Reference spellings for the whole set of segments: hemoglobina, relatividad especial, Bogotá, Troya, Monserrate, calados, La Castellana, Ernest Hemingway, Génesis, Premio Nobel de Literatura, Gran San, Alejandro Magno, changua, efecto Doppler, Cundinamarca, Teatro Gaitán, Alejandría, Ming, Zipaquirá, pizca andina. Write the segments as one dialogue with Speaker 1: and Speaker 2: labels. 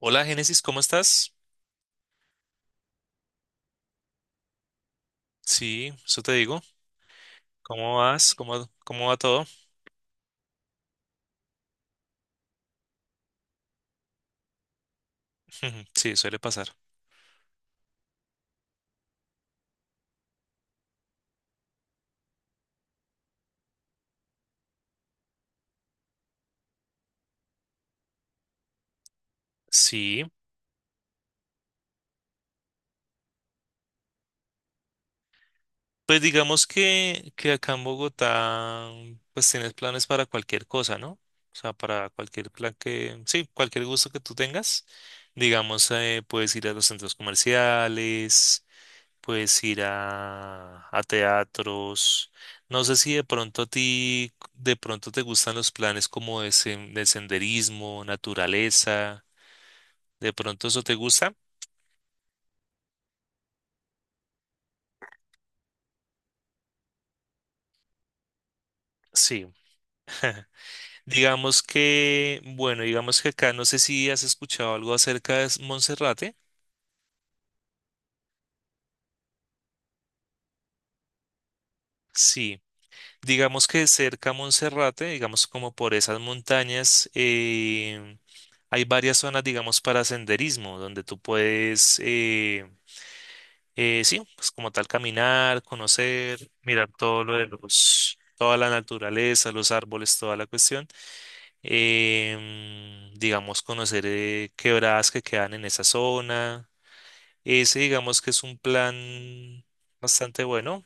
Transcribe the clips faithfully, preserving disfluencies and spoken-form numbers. Speaker 1: Hola, Génesis, ¿cómo estás? Sí, eso te digo. ¿Cómo vas? ¿Cómo, cómo va todo? Sí, suele pasar. Sí, pues digamos que, que acá en Bogotá, pues tienes planes para cualquier cosa, ¿no? O sea, para cualquier plan que, sí, cualquier gusto que tú tengas. Digamos, eh, puedes ir a los centros comerciales. Puedes ir a, a teatros. No sé si de pronto a ti, de pronto te gustan los planes como de, sen- de senderismo, naturaleza. ¿De pronto eso te gusta? Sí. Digamos que, bueno, digamos que acá no sé si has escuchado algo acerca de Monserrate. Sí. Digamos que cerca a Monserrate, digamos como por esas montañas, eh, hay varias zonas, digamos, para senderismo, donde tú puedes... eh, Eh, sí, pues como tal caminar, conocer, mirar todo lo de los, toda la naturaleza, los árboles, toda la cuestión. Em, digamos, conocer eh, quebradas que quedan en esa zona. Ese, digamos que es un plan bastante bueno.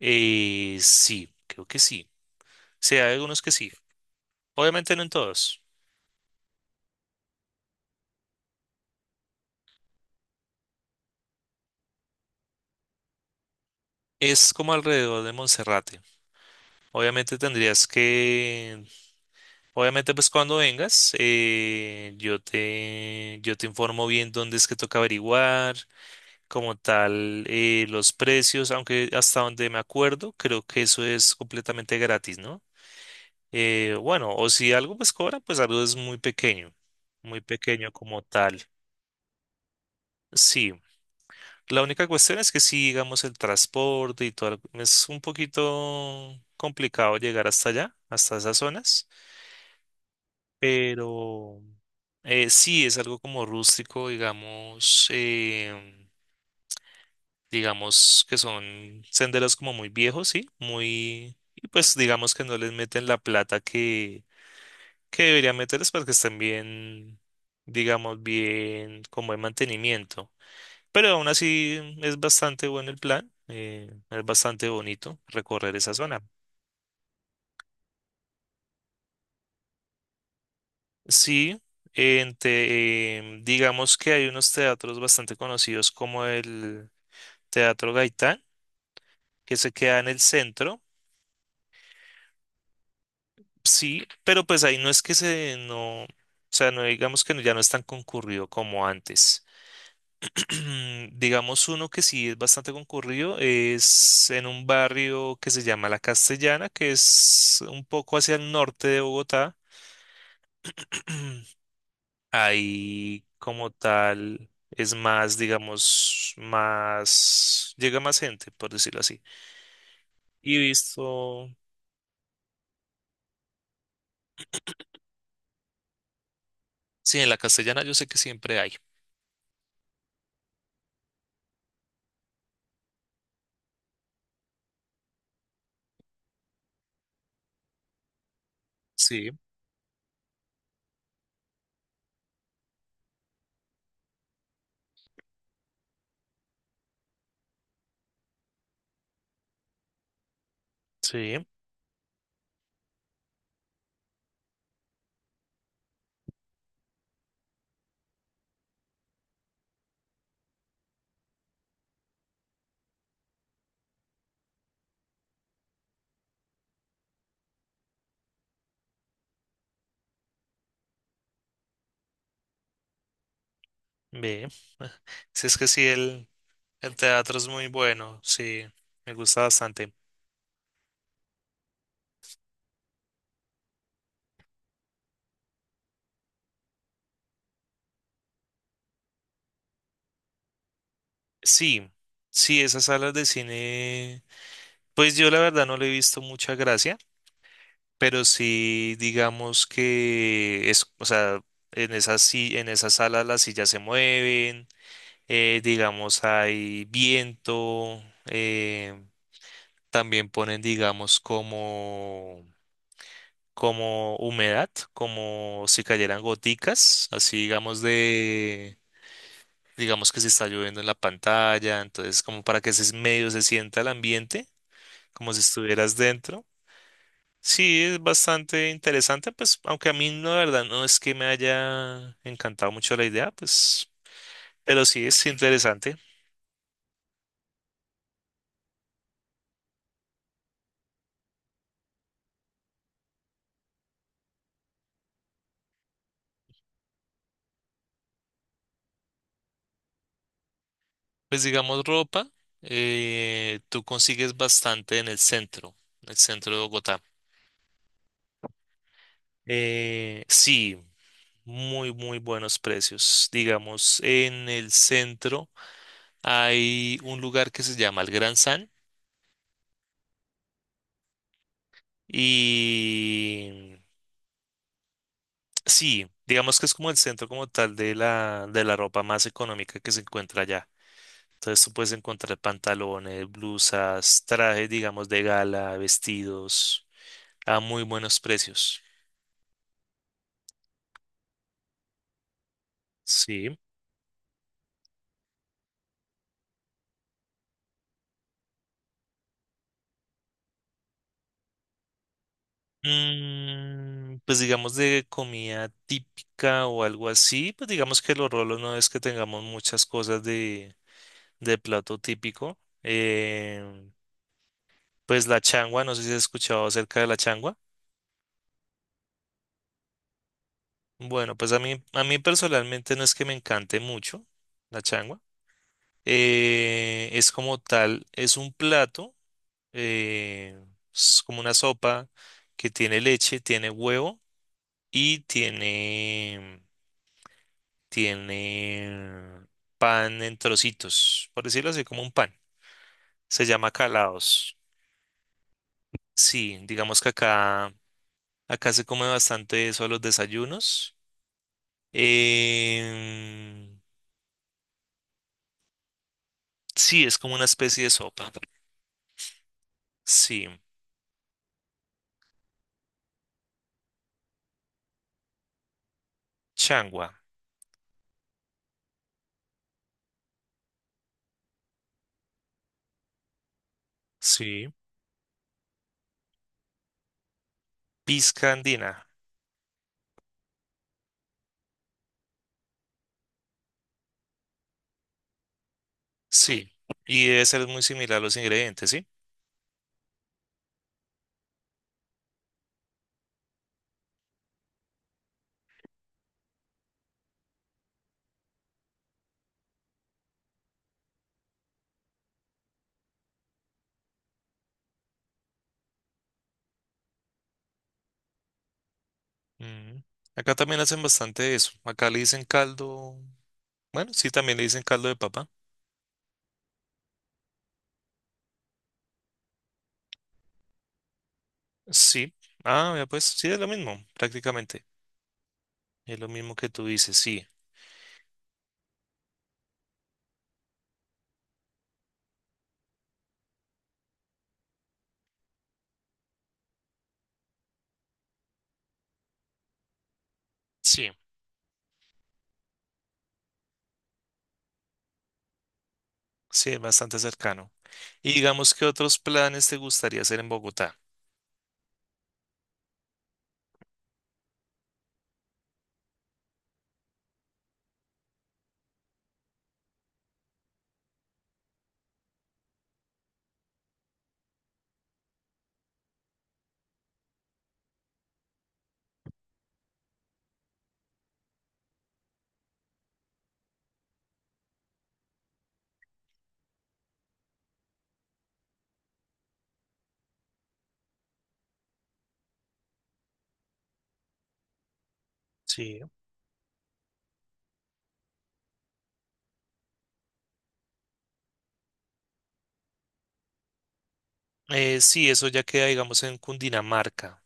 Speaker 1: Eh, sí, creo que sí. Sí, hay algunos que sí. Obviamente no en todos. Es como alrededor de Monserrate. Obviamente tendrías que Obviamente, pues cuando vengas, eh, yo te, yo te informo bien dónde es que toca averiguar, como tal, eh, los precios, aunque hasta donde me acuerdo, creo que eso es completamente gratis, ¿no? Eh, bueno, o si algo pues cobra, pues algo es muy pequeño, muy pequeño como tal. Sí, la única cuestión es que si, digamos, el transporte y todo, es un poquito complicado llegar hasta allá, hasta esas zonas. Pero eh, sí, es algo como rústico, digamos, em, digamos que son senderos como muy viejos, sí, muy, y pues digamos que no les meten la plata que, que deberían meterles para que estén bien, digamos, bien, con buen mantenimiento. Pero aún así es bastante bueno el plan, eh, es bastante bonito recorrer esa zona. Sí, en te- em, digamos que hay unos teatros bastante conocidos como el... Teatro Gaitán, que se queda en el centro, sí, pero pues ahí no es que se, no, o sea, no digamos que no- ya no es tan concurrido como antes. Digamos uno que sí es bastante concurrido, es en un barrio que se llama La Castellana, que es un poco hacia el norte de Bogotá. Ahí como tal es más, digamos, más, llega más gente, por decirlo así. Y visto, sí, en La Castellana yo sé que siempre hay. Sí. Sí, bien. Si es que sí, el, el teatro es muy bueno, sí, me gusta bastante. Sí, sí, esas salas de cine, pues yo la verdad no le he visto mucha gracia, pero sí, digamos que es, o sea, en esas, si- en esas salas las sillas se mueven, eh, digamos hay viento, eh, también ponen, digamos, como... como humedad, como si cayeran goticas, así digamos de, digamos que se está lloviendo en la pantalla, entonces como para que ese medio se sienta el ambiente, como si estuvieras dentro. Sí, es bastante interesante, pues, aunque a mí no, la verdad, no es que me haya encantado mucho la idea, pues, pero sí es interesante. Pues digamos ropa, eh, tú consigues bastante en el centro, en el centro de Bogotá. Eh, sí. Muy, muy buenos precios. Digamos, en el centro hay un lugar que se llama el Gran San y sí, digamos que es como el centro como tal de la, de la ropa más económica que se encuentra allá. Entonces tú puedes encontrar pantalones, blusas, trajes, digamos, de gala, vestidos a muy buenos precios. Sí. Mm, pues digamos de comida típica o algo así, pues digamos que los rolos no es que tengamos muchas cosas de, de plato típico. Eh, pues la changua, no sé si has escuchado acerca de la changua. Bueno, pues a mí, a mí personalmente no es que me encante mucho la changua. Eh, es como tal, es un plato, eh, es como una sopa que tiene leche, tiene huevo y tiene Tiene pan en trocitos, por decirlo así, como un pan. Se llama calados. Sí, digamos que acá, acá se come bastante eso a los desayunos. Em, sí, es como una especie de sopa. Sí, changua. Sí, pizca andina. Sí, y debe ser muy similar a los ingredientes, ¿sí? Mm. Acá también hacen bastante eso. Acá le dicen caldo. Bueno, sí, también le dicen caldo de papa. Sí. Ah, ya pues sí, es lo mismo, prácticamente. Es lo mismo que tú dices, sí. Sí, sí, es bastante cercano. Y digamos, ¿qué otros planes te gustaría hacer en Bogotá? Sí. Eh, sí, eso ya queda, digamos, en Cundinamarca.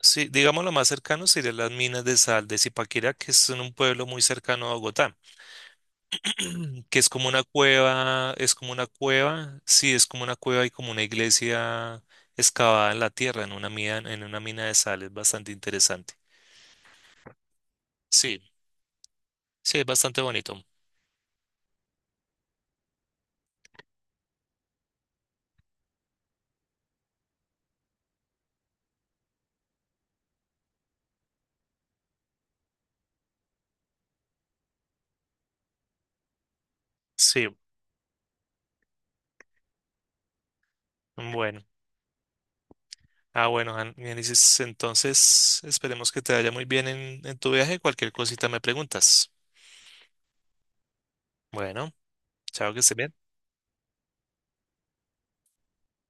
Speaker 1: Sí, digamos, lo más cercano serían las minas de sal de Zipaquirá, que es en un pueblo muy cercano a Bogotá, que es como una cueva, es como una cueva, sí, es como una cueva y como una iglesia excavada en la tierra, en una mina, en una mina de sal, es bastante interesante. Sí, sí, es bastante bonito. Sí, bueno. Ah, bueno, Jan- Génesis, entonces esperemos que te vaya muy bien en, en tu viaje. Cualquier cosita me preguntas. Bueno, chao, que estés bien.